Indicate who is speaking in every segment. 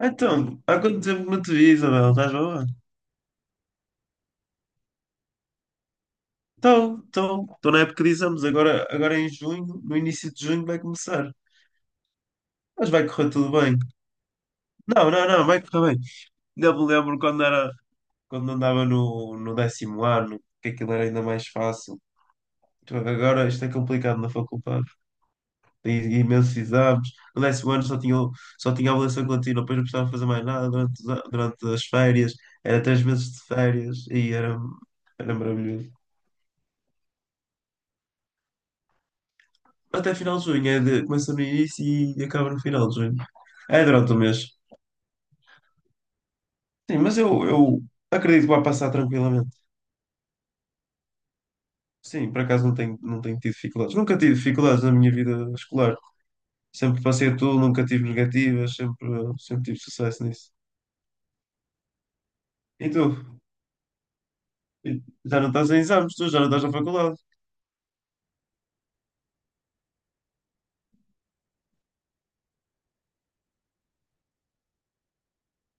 Speaker 1: Então, há quanto tempo não te vi, Isabel? Estás boa? Então, estou na época de exames, agora em junho, no início de junho vai começar. Mas vai correr tudo bem. Não, não, não, vai correr bem. Ainda me lembro quando era, quando andava no décimo ano, que aquilo era ainda mais fácil. Tu vês, agora isto é complicado na faculdade. Tem imensos exames. No décimo ano só tinha avaliação contínua, depois não precisava fazer mais nada durante, durante as férias. Era três meses de férias e era, era maravilhoso. Até final de junho, começa no início e acaba no final de junho. É durante o mês. Sim, mas eu acredito que vai passar tranquilamente. Sim, por acaso não tenho tido dificuldades. Nunca tive dificuldades na minha vida escolar. Sempre passei tudo, nunca tive negativas, sempre, sempre tive sucesso nisso. E tu? E já não estás em exames, tu já não estás na faculdade.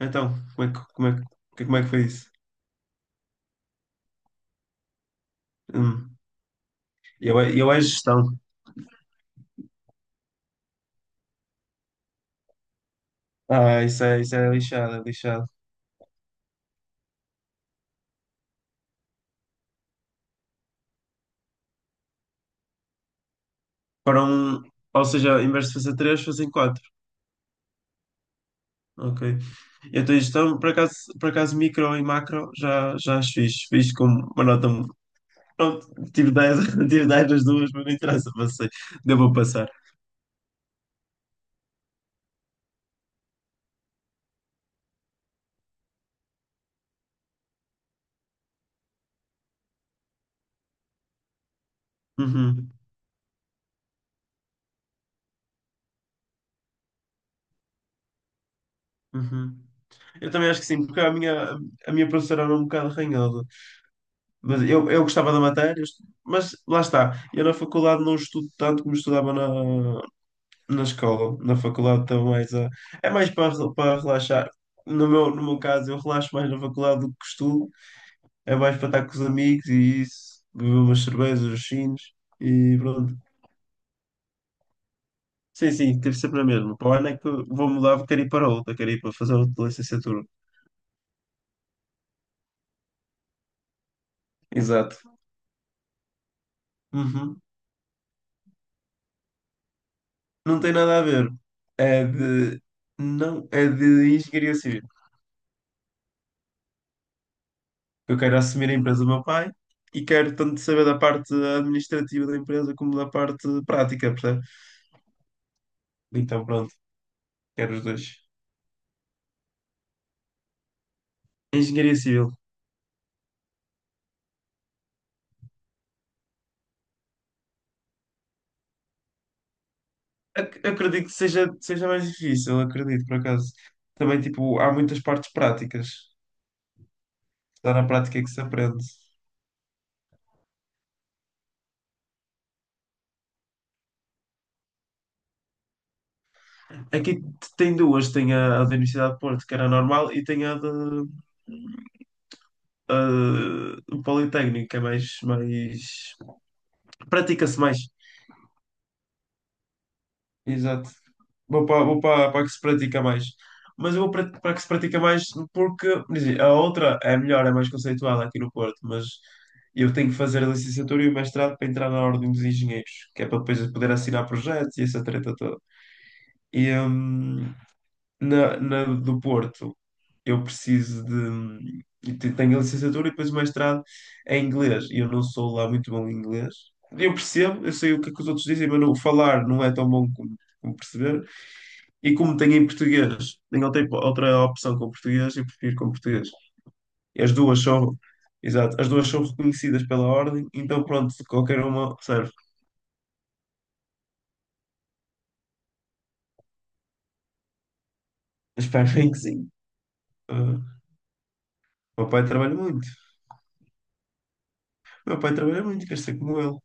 Speaker 1: Então, como é que, como é que, como é que foi isso? Hum. Eu, eu é gestão. Ah, isso é lixado, é lixado. Para um, ou seja, em vez de fazer três, fazem quatro. Ok. Então, isto, é um, por acaso, micro e macro já as fiz. Fiz com uma nota. Pronto, tive 10, tive 10 das duas, mas não interessa, passei. Devo passar. Uhum, uhum. Eu também acho que sim, porque a minha professora era um bocado arranhada. Mas eu gostava da matéria, mas lá está. Eu na faculdade não estudo tanto como estudava na, na escola. Na faculdade estou é mais para, para relaxar. No meu caso, eu relaxo mais na faculdade do que estudo. É mais para estar com os amigos e isso, beber umas cervejas, os chinos e pronto. Sim, sim, teve sempre a mesma. Para o ano é que eu vou mudar, quero ir para outra, quero ir para fazer outra licenciatura. Exato. Uhum. Não tem nada a ver. É de. Não, é de engenharia civil. Eu quero assumir a empresa do meu pai e quero tanto saber da parte administrativa da empresa como da parte prática, percebe? Então pronto, quero os dois. Engenharia civil. Acredito que seja mais difícil, acredito, por acaso. Também, tipo, há muitas partes práticas. Está na prática que se aprende. Aqui tem duas, tem a da Universidade de Porto, que era normal, e tem a do Politécnico, que é mais, mais... Pratica-se mais. Exato. Vou para a que se pratica mais. Mas eu vou para, para a que se pratica mais porque quer dizer, a outra é melhor, é mais conceitual aqui no Porto, mas eu tenho que fazer a licenciatura e o mestrado para entrar na Ordem dos Engenheiros, que é para depois eu poder assinar projetos e essa treta toda. E na do Porto eu preciso de. Eu te- tenho a licenciatura e depois o mestrado é em inglês. E eu não sou lá muito bom em inglês. Eu percebo, eu sei o que é que os outros dizem, mas não, falar não é tão bom como, como perceber. E como tenho em português, outra opção com português e prefiro com português. E exato, as duas são reconhecidas pela ordem, então pronto, qualquer uma serve. Espero bem que sim. Ah, meu pai trabalha muito. Meu pai trabalha muito, quer ser como ele.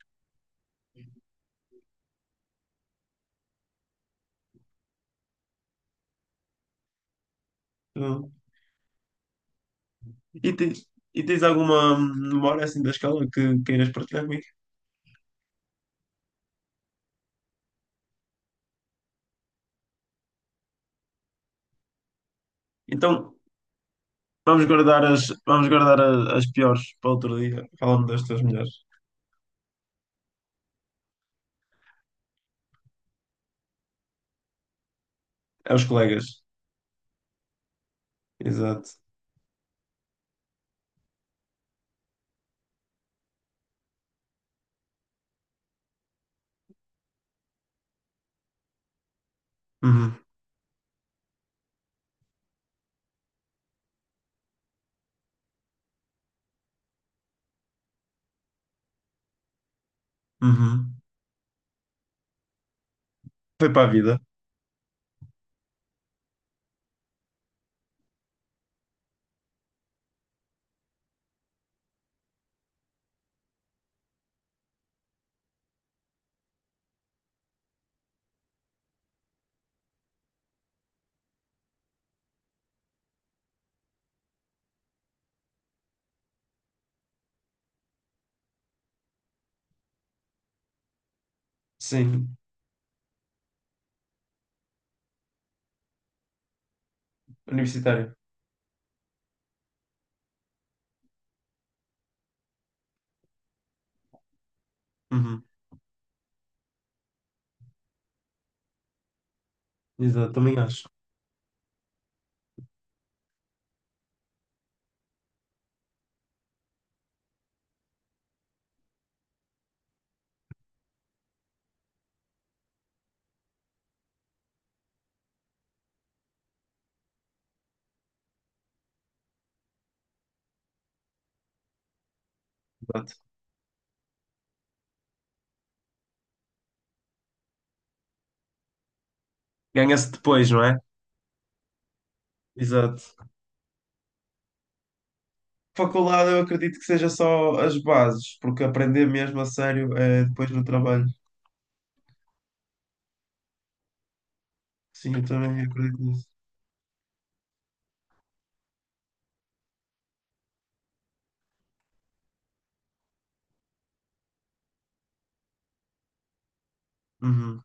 Speaker 1: Ah, e, tens, e tens alguma memória assim da escola que queiras partilhar comigo? Então vamos guardar as piores para outro dia. Falando das tuas melhores. Aos colegas. Exato. Uhum, uhum. Foi para a vida. Sim. Universitário. Uhum, exato, também acho. Exato. Ganha-se depois, não é? Exato. Faculdade, eu acredito que seja só as bases, porque aprender mesmo a sério é depois no trabalho. Sim, eu também acredito nisso. Uhum.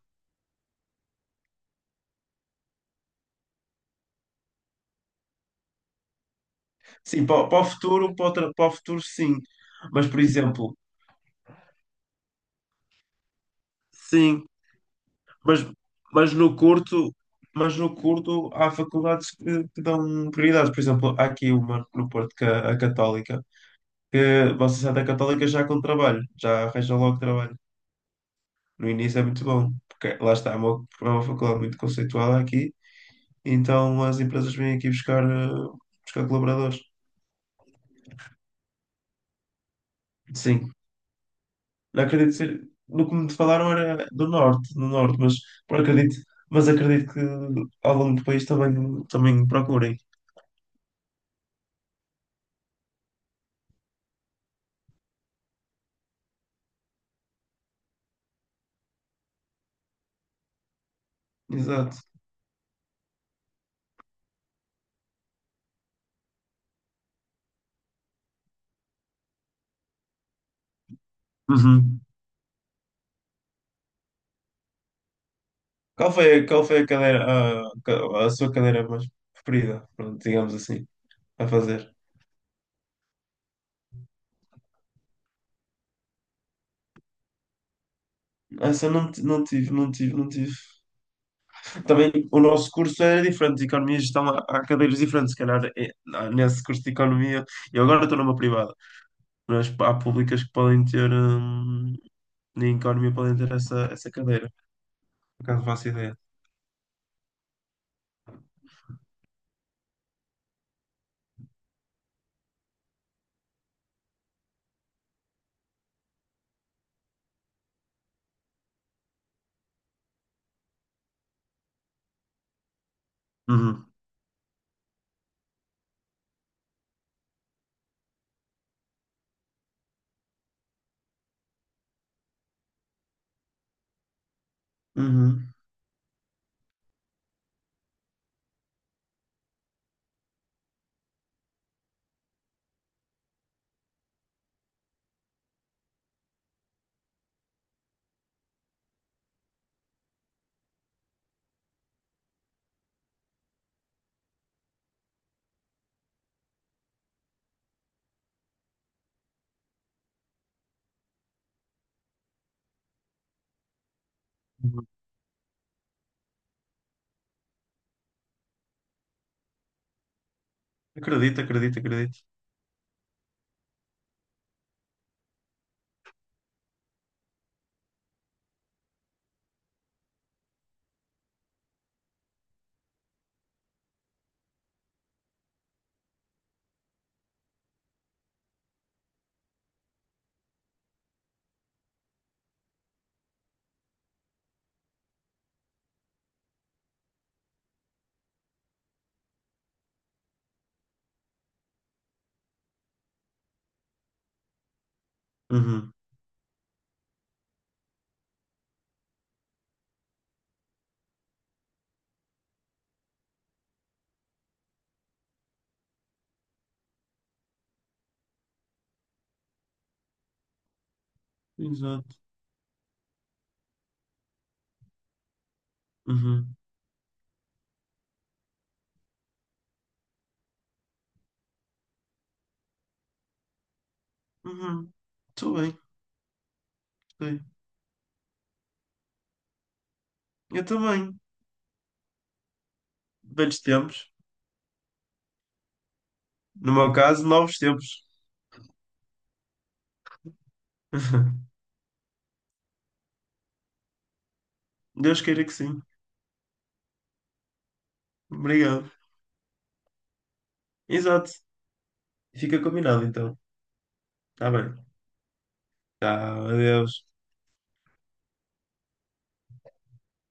Speaker 1: Sim, para o futuro, para o futuro, sim. Mas, por exemplo, sim, mas, mas no curto, mas no curto há faculdades que dão prioridades. Por exemplo, há aqui uma no Porto, que é a Católica, que vocês saem da Católica já com trabalho, já arranjam logo trabalho. No início é muito bom, porque lá está, é uma faculdade muito conceitual aqui, então as empresas vêm aqui buscar, buscar colaboradores. Sim, não acredito ser. No que me falaram era do norte, no norte, mas por acredito, mas acredito que ao longo do país também, também procurem. Exato. Uhum. Qual foi a cadeira, a sua cadeira mais preferida, pronto, digamos assim, a fazer? Essa eu não tive, não tive, não tive. Também o nosso curso era diferente, de economia e gestão há cadeiras diferentes, se calhar nesse curso de economia, eu agora estou numa privada, mas há públicas que podem ter, em economia podem ter essa cadeira, por acaso faço ideia. Uhum. Uhum. Uhum. Acredito, acredito, acredito. Uhum. Exato. Uhum. Uhum. Estou bem, estou bem. Eu também. Velhos tempos. No meu caso, novos tempos. Deus queira que sim. Obrigado. Exato. Fica combinado então. Tá bem. Tchau, adeus.